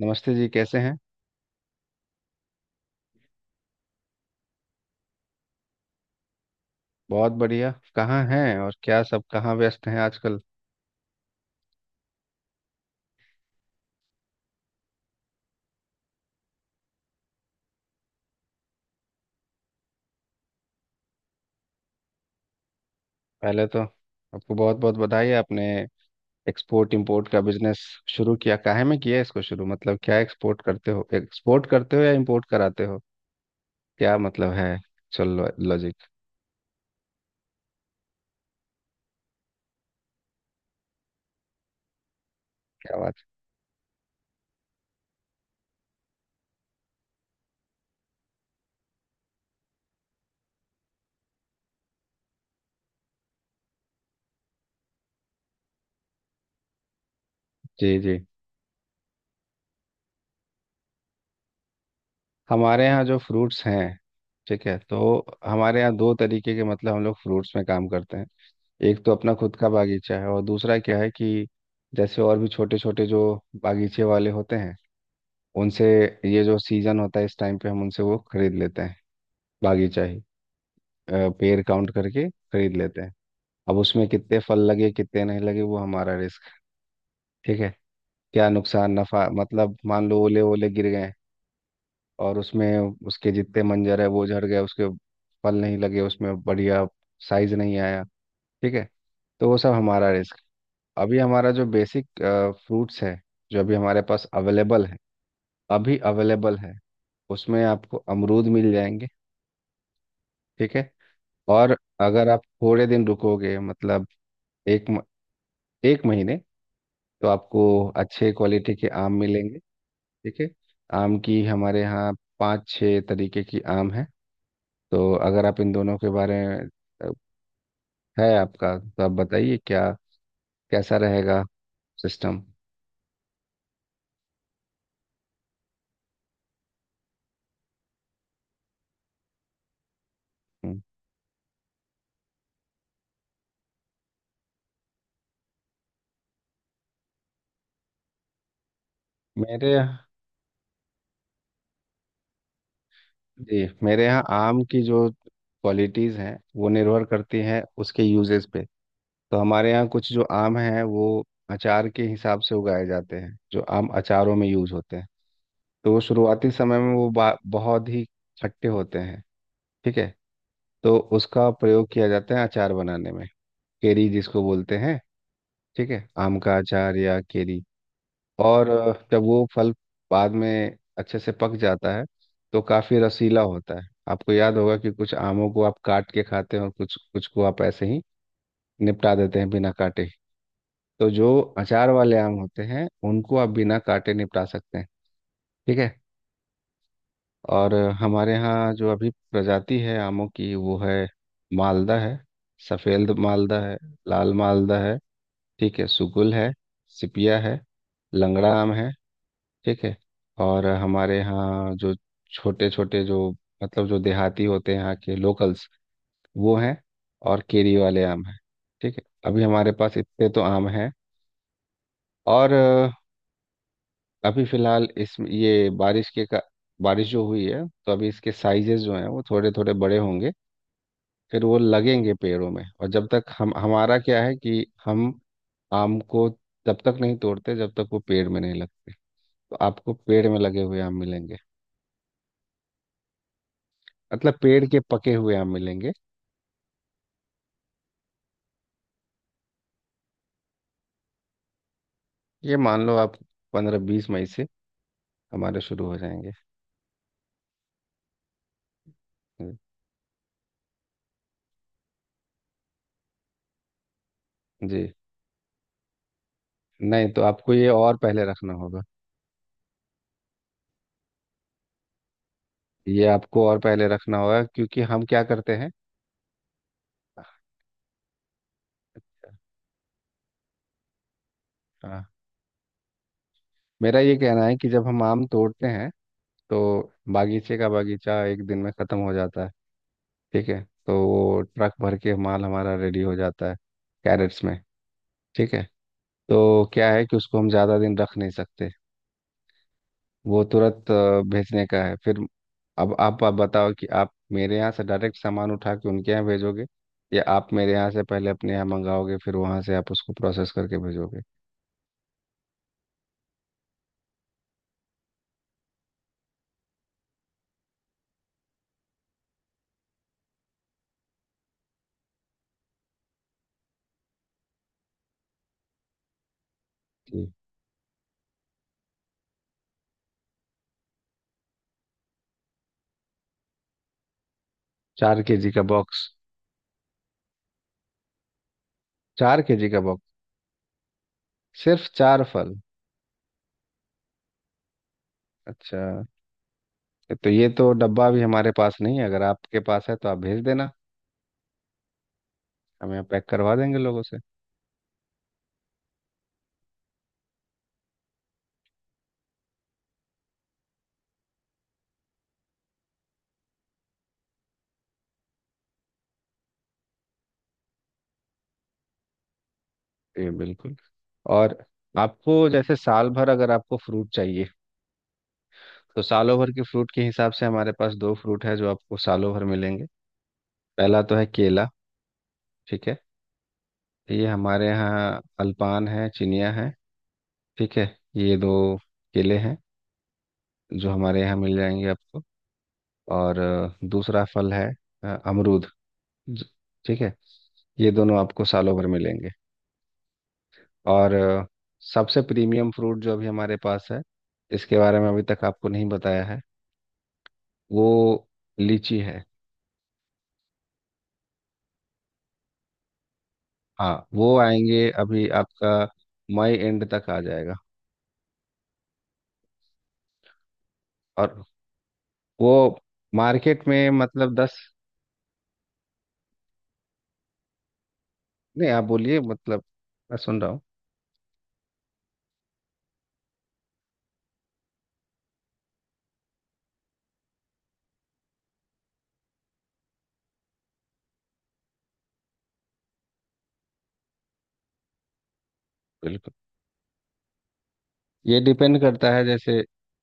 नमस्ते जी, कैसे हैं। बहुत बढ़िया, कहाँ हैं और क्या सब, कहाँ व्यस्त हैं आजकल। पहले तो आपको बहुत बहुत बधाई है, आपने एक्सपोर्ट इंपोर्ट का बिजनेस शुरू किया। काहे में किया इसको शुरू, मतलब क्या एक्सपोर्ट करते हो या इंपोर्ट कराते हो, क्या मतलब है। चलो लॉजिक, क्या बात है। जी जी, हमारे यहाँ जो फ्रूट्स हैं, ठीक है, तो हमारे यहाँ दो तरीके के, मतलब हम लोग फ्रूट्स में काम करते हैं। एक तो अपना खुद का बागीचा है, और दूसरा क्या है कि जैसे और भी छोटे छोटे जो बागीचे वाले होते हैं उनसे, ये जो सीजन होता है इस टाइम पे हम उनसे वो खरीद लेते हैं। बागीचा ही, पेड़ काउंट करके खरीद लेते हैं। अब उसमें कितने फल लगे कितने नहीं लगे वो हमारा रिस्क। ठीक है, क्या नुकसान नफा, मतलब मान लो ओले ओले गिर गए, और उसमें उसके जितने मंजर है वो झड़ गए, उसके फल नहीं लगे, उसमें बढ़िया साइज नहीं आया, ठीक है, तो वो सब हमारा रिस्क। अभी हमारा जो बेसिक फ्रूट्स है, जो अभी हमारे पास अवेलेबल है, अभी अवेलेबल है, उसमें आपको अमरूद मिल जाएंगे, ठीक है। और अगर आप थोड़े दिन रुकोगे, मतलब एक म, एक महीने, तो आपको अच्छे क्वालिटी के आम मिलेंगे, ठीक है। आम की हमारे यहाँ 5-6 तरीके की आम है। तो अगर आप इन दोनों के बारे में अ, है आपका, तो आप बताइए क्या कैसा रहेगा सिस्टम। हम्म, मेरे यहाँ, जी मेरे यहाँ आम की जो क्वालिटीज़ हैं वो निर्भर करती हैं उसके यूजेस पे। तो हमारे यहाँ कुछ जो आम हैं वो अचार के हिसाब से उगाए जाते हैं, जो आम अचारों में यूज होते हैं। तो वो शुरुआती समय में वो बहुत ही खट्टे होते हैं, ठीक है, तो उसका प्रयोग किया जाता है अचार बनाने में। केरी जिसको बोलते हैं, ठीक है, आम का अचार या केरी। और जब वो फल बाद में अच्छे से पक जाता है तो काफी रसीला होता है। आपको याद होगा कि कुछ आमों को आप काट के खाते हैं और कुछ कुछ को आप ऐसे ही निपटा देते हैं बिना काटे। तो जो अचार वाले आम होते हैं उनको आप बिना काटे निपटा सकते हैं, ठीक है। और हमारे यहाँ जो अभी प्रजाति है आमों की वो है, मालदा है, सफ़ेद मालदा है, लाल मालदा है, ठीक है, सुगुल है, सिपिया है, लंगड़ा आम है, ठीक है। और हमारे यहाँ जो छोटे छोटे जो, मतलब जो देहाती होते हैं, यहाँ के लोकल्स वो हैं, और केरी वाले आम हैं, ठीक है। अभी हमारे पास इतने तो आम हैं। और अभी फिलहाल इस ये बारिश के का बारिश जो हुई है, तो अभी इसके साइजेस जो हैं वो थोड़े थोड़े बड़े होंगे। फिर वो लगेंगे पेड़ों में, और जब तक हम, हमारा क्या है कि हम आम को तब तक नहीं तोड़ते जब तक वो पेड़ में नहीं लगते। तो आपको पेड़ में लगे हुए आम मिलेंगे, मतलब पेड़ के पके हुए आम मिलेंगे। ये मान लो आप 15-20 मई से हमारे शुरू हो जाएंगे। जी नहीं, तो आपको ये और पहले रखना होगा। ये आपको और पहले रखना होगा, क्योंकि हम क्या करते हैं। मेरा ये कहना है कि जब हम आम तोड़ते हैं तो बागीचे का बागीचा एक दिन में ख़त्म हो जाता है, ठीक है। तो वो ट्रक भर के माल हमारा रेडी हो जाता है, कैरेट्स में, ठीक है। तो क्या है कि उसको हम ज़्यादा दिन रख नहीं सकते, वो तुरंत भेजने का है फिर। अब आप बताओ कि आप मेरे यहाँ से डायरेक्ट सामान उठा के उनके यहाँ भेजोगे, या आप मेरे यहाँ से पहले अपने यहाँ मंगाओगे फिर वहाँ से आप उसको प्रोसेस करके भेजोगे। जी, 4 केजी का बॉक्स। 4 केजी का बॉक्स, सिर्फ चार फल। अच्छा, तो ये तो डब्बा भी हमारे पास नहीं है। अगर आपके पास है तो आप भेज देना, हम यहाँ पैक करवा देंगे लोगों से। जी बिल्कुल। और आपको जैसे साल भर अगर आपको फ्रूट चाहिए, तो सालों भर के फ्रूट के हिसाब से हमारे पास दो फ्रूट है जो आपको सालों भर मिलेंगे। पहला तो है केला, ठीक है। ये हमारे यहाँ अल्पान है, चिनिया है, ठीक है। ये दो केले हैं जो हमारे यहाँ मिल जाएंगे आपको। और दूसरा फल है अमरूद। ज- ठीक है, ये दोनों आपको सालों भर मिलेंगे। और सबसे प्रीमियम फ्रूट जो अभी हमारे पास है, इसके बारे में अभी तक आपको नहीं बताया है, वो लीची है। हाँ, वो आएंगे अभी। आपका मई एंड तक आ जाएगा। और वो मार्केट में मतलब दस, नहीं आप बोलिए, मतलब मैं सुन रहा हूँ। बिल्कुल, ये डिपेंड करता है। जैसे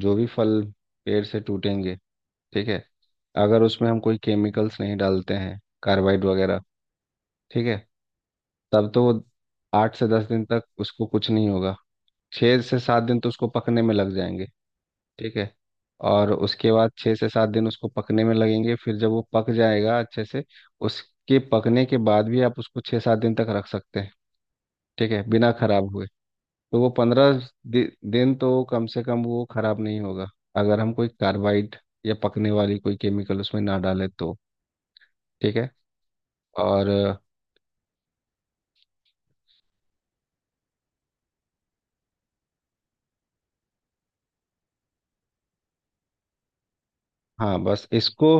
जो भी फल पेड़ से टूटेंगे, ठीक है, अगर उसमें हम कोई केमिकल्स नहीं डालते हैं, कार्बाइड वगैरह, ठीक है, तब तो वो 8 से 10 दिन तक उसको कुछ नहीं होगा। 6 से 7 दिन तो उसको पकने में लग जाएंगे, ठीक है। और उसके बाद 6 से 7 दिन उसको पकने में लगेंगे, फिर जब वो पक जाएगा अच्छे से, उसके पकने के बाद भी आप उसको 6-7 दिन तक रख सकते हैं, ठीक है, बिना खराब हुए। तो वो 15 दिन तो कम से कम वो खराब नहीं होगा, अगर हम कोई कार्बाइड या पकने वाली कोई केमिकल उसमें ना डालें तो। ठीक है। और हाँ, बस इसको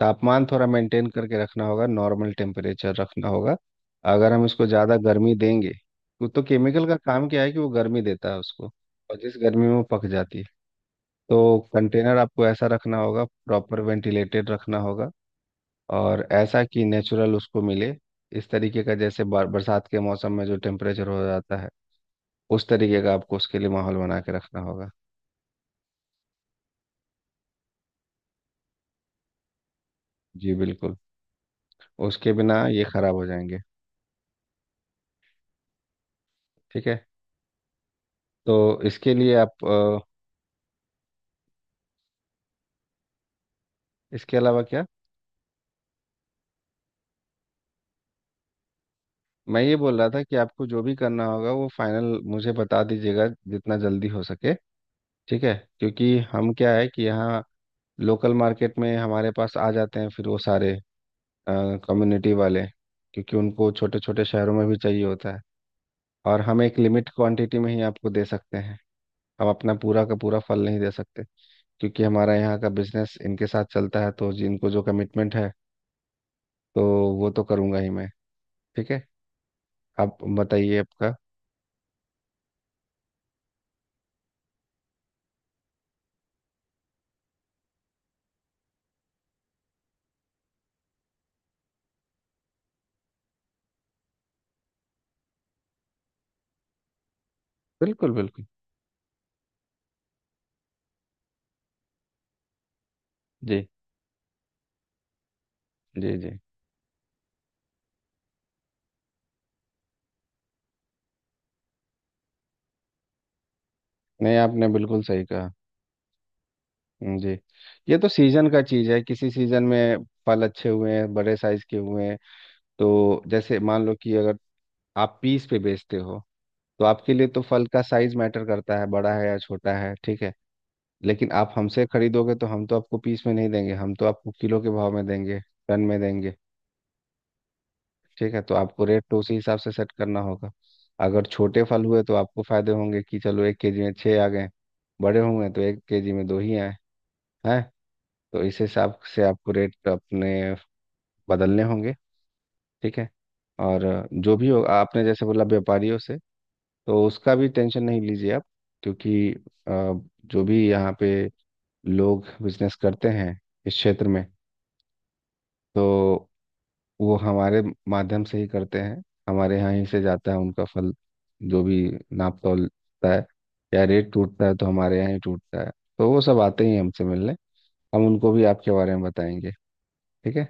तापमान थोड़ा मेंटेन करके रखना होगा, नॉर्मल टेम्परेचर रखना होगा। अगर हम इसको ज़्यादा गर्मी देंगे तो, केमिकल का काम क्या है कि वो गर्मी देता है उसको, और जिस गर्मी में वो पक जाती है। तो कंटेनर आपको ऐसा रखना होगा, प्रॉपर वेंटिलेटेड रखना होगा, और ऐसा कि नेचुरल उसको मिले। इस तरीके का, जैसे बरसात के मौसम में जो टेम्परेचर हो जाता है, उस तरीके का आपको उसके लिए माहौल बना के रखना होगा। जी बिल्कुल, उसके बिना ये खराब हो जाएंगे। ठीक है, तो इसके लिए आप इसके अलावा क्या। मैं ये बोल रहा था कि आपको जो भी करना होगा वो फाइनल मुझे बता दीजिएगा जितना जल्दी हो सके, ठीक है, क्योंकि हम, क्या है कि यहाँ लोकल मार्केट में हमारे पास आ जाते हैं फिर वो सारे कम्युनिटी वाले, क्योंकि उनको छोटे छोटे शहरों में भी चाहिए होता है। और हम एक लिमिट क्वांटिटी में ही आपको दे सकते हैं, हम अपना पूरा का पूरा फल नहीं दे सकते, क्योंकि हमारा यहाँ का बिजनेस इनके साथ चलता है। तो जिनको जो कमिटमेंट है तो वो तो करूँगा ही मैं, ठीक है। आप बताइए आपका। बिल्कुल बिल्कुल। जी जी जी, नहीं आपने बिल्कुल सही कहा। जी, ये तो सीजन का चीज है। किसी सीजन में फल अच्छे हुए हैं, बड़े साइज के हुए हैं। तो जैसे मान लो कि अगर आप पीस पे बेचते हो, तो आपके लिए तो फल का साइज मैटर करता है, बड़ा है या छोटा है, ठीक है। लेकिन आप हमसे खरीदोगे तो हम तो आपको पीस में नहीं देंगे, हम तो आपको किलो के भाव में देंगे, टन में देंगे, ठीक है। तो आपको रेट तो उसी हिसाब से सेट करना होगा। अगर छोटे फल हुए तो आपको फायदे होंगे कि चलो एक केजी में छः आ गए, बड़े होंगे तो एक केजी में दो ही आए हैं। तो इस हिसाब से आपको रेट अपने बदलने होंगे, ठीक है। और जो भी हो, आपने जैसे बोला व्यापारियों से, तो उसका भी टेंशन नहीं लीजिए आप, क्योंकि अ, जो भी यहाँ पे लोग बिजनेस करते हैं इस क्षेत्र में, तो वो हमारे माध्यम से ही करते हैं। हमारे यहाँ ही से जाता है उनका फल। जो भी नाप तोलता है या रेट टूटता है तो हमारे यहाँ ही टूटता है। तो वो सब आते ही हैं हमसे मिलने, हम उनको भी आपके बारे में बताएंगे, ठीक है।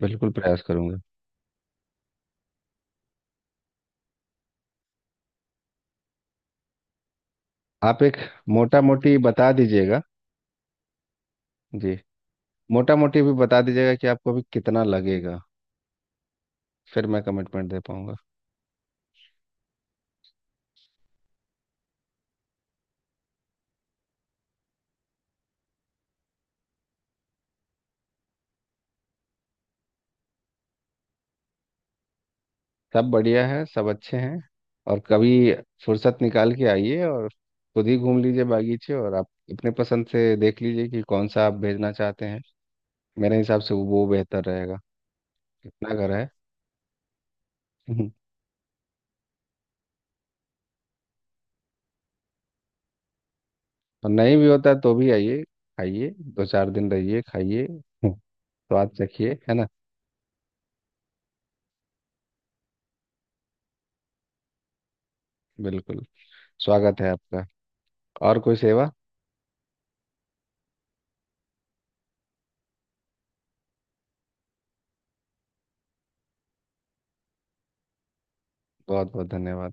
बिल्कुल प्रयास करूंगा। आप एक मोटा मोटी बता दीजिएगा। जी, मोटा मोटी भी बता दीजिएगा कि आपको अभी कितना लगेगा, फिर मैं कमिटमेंट दे पाऊंगा। सब बढ़िया है, सब अच्छे हैं। और कभी फुर्सत निकाल के आइए, और खुद ही घूम लीजिए बागीचे, और आप अपने पसंद से देख लीजिए कि कौन सा आप भेजना चाहते हैं, मेरे हिसाब से वो बेहतर रहेगा। कितना घर है। और नहीं भी होता तो भी आइए, खाइए, 2-4 दिन रहिए, खाइए। स्वाद चखिए, है ना। बिल्कुल, स्वागत है आपका। और कोई सेवा। बहुत बहुत धन्यवाद।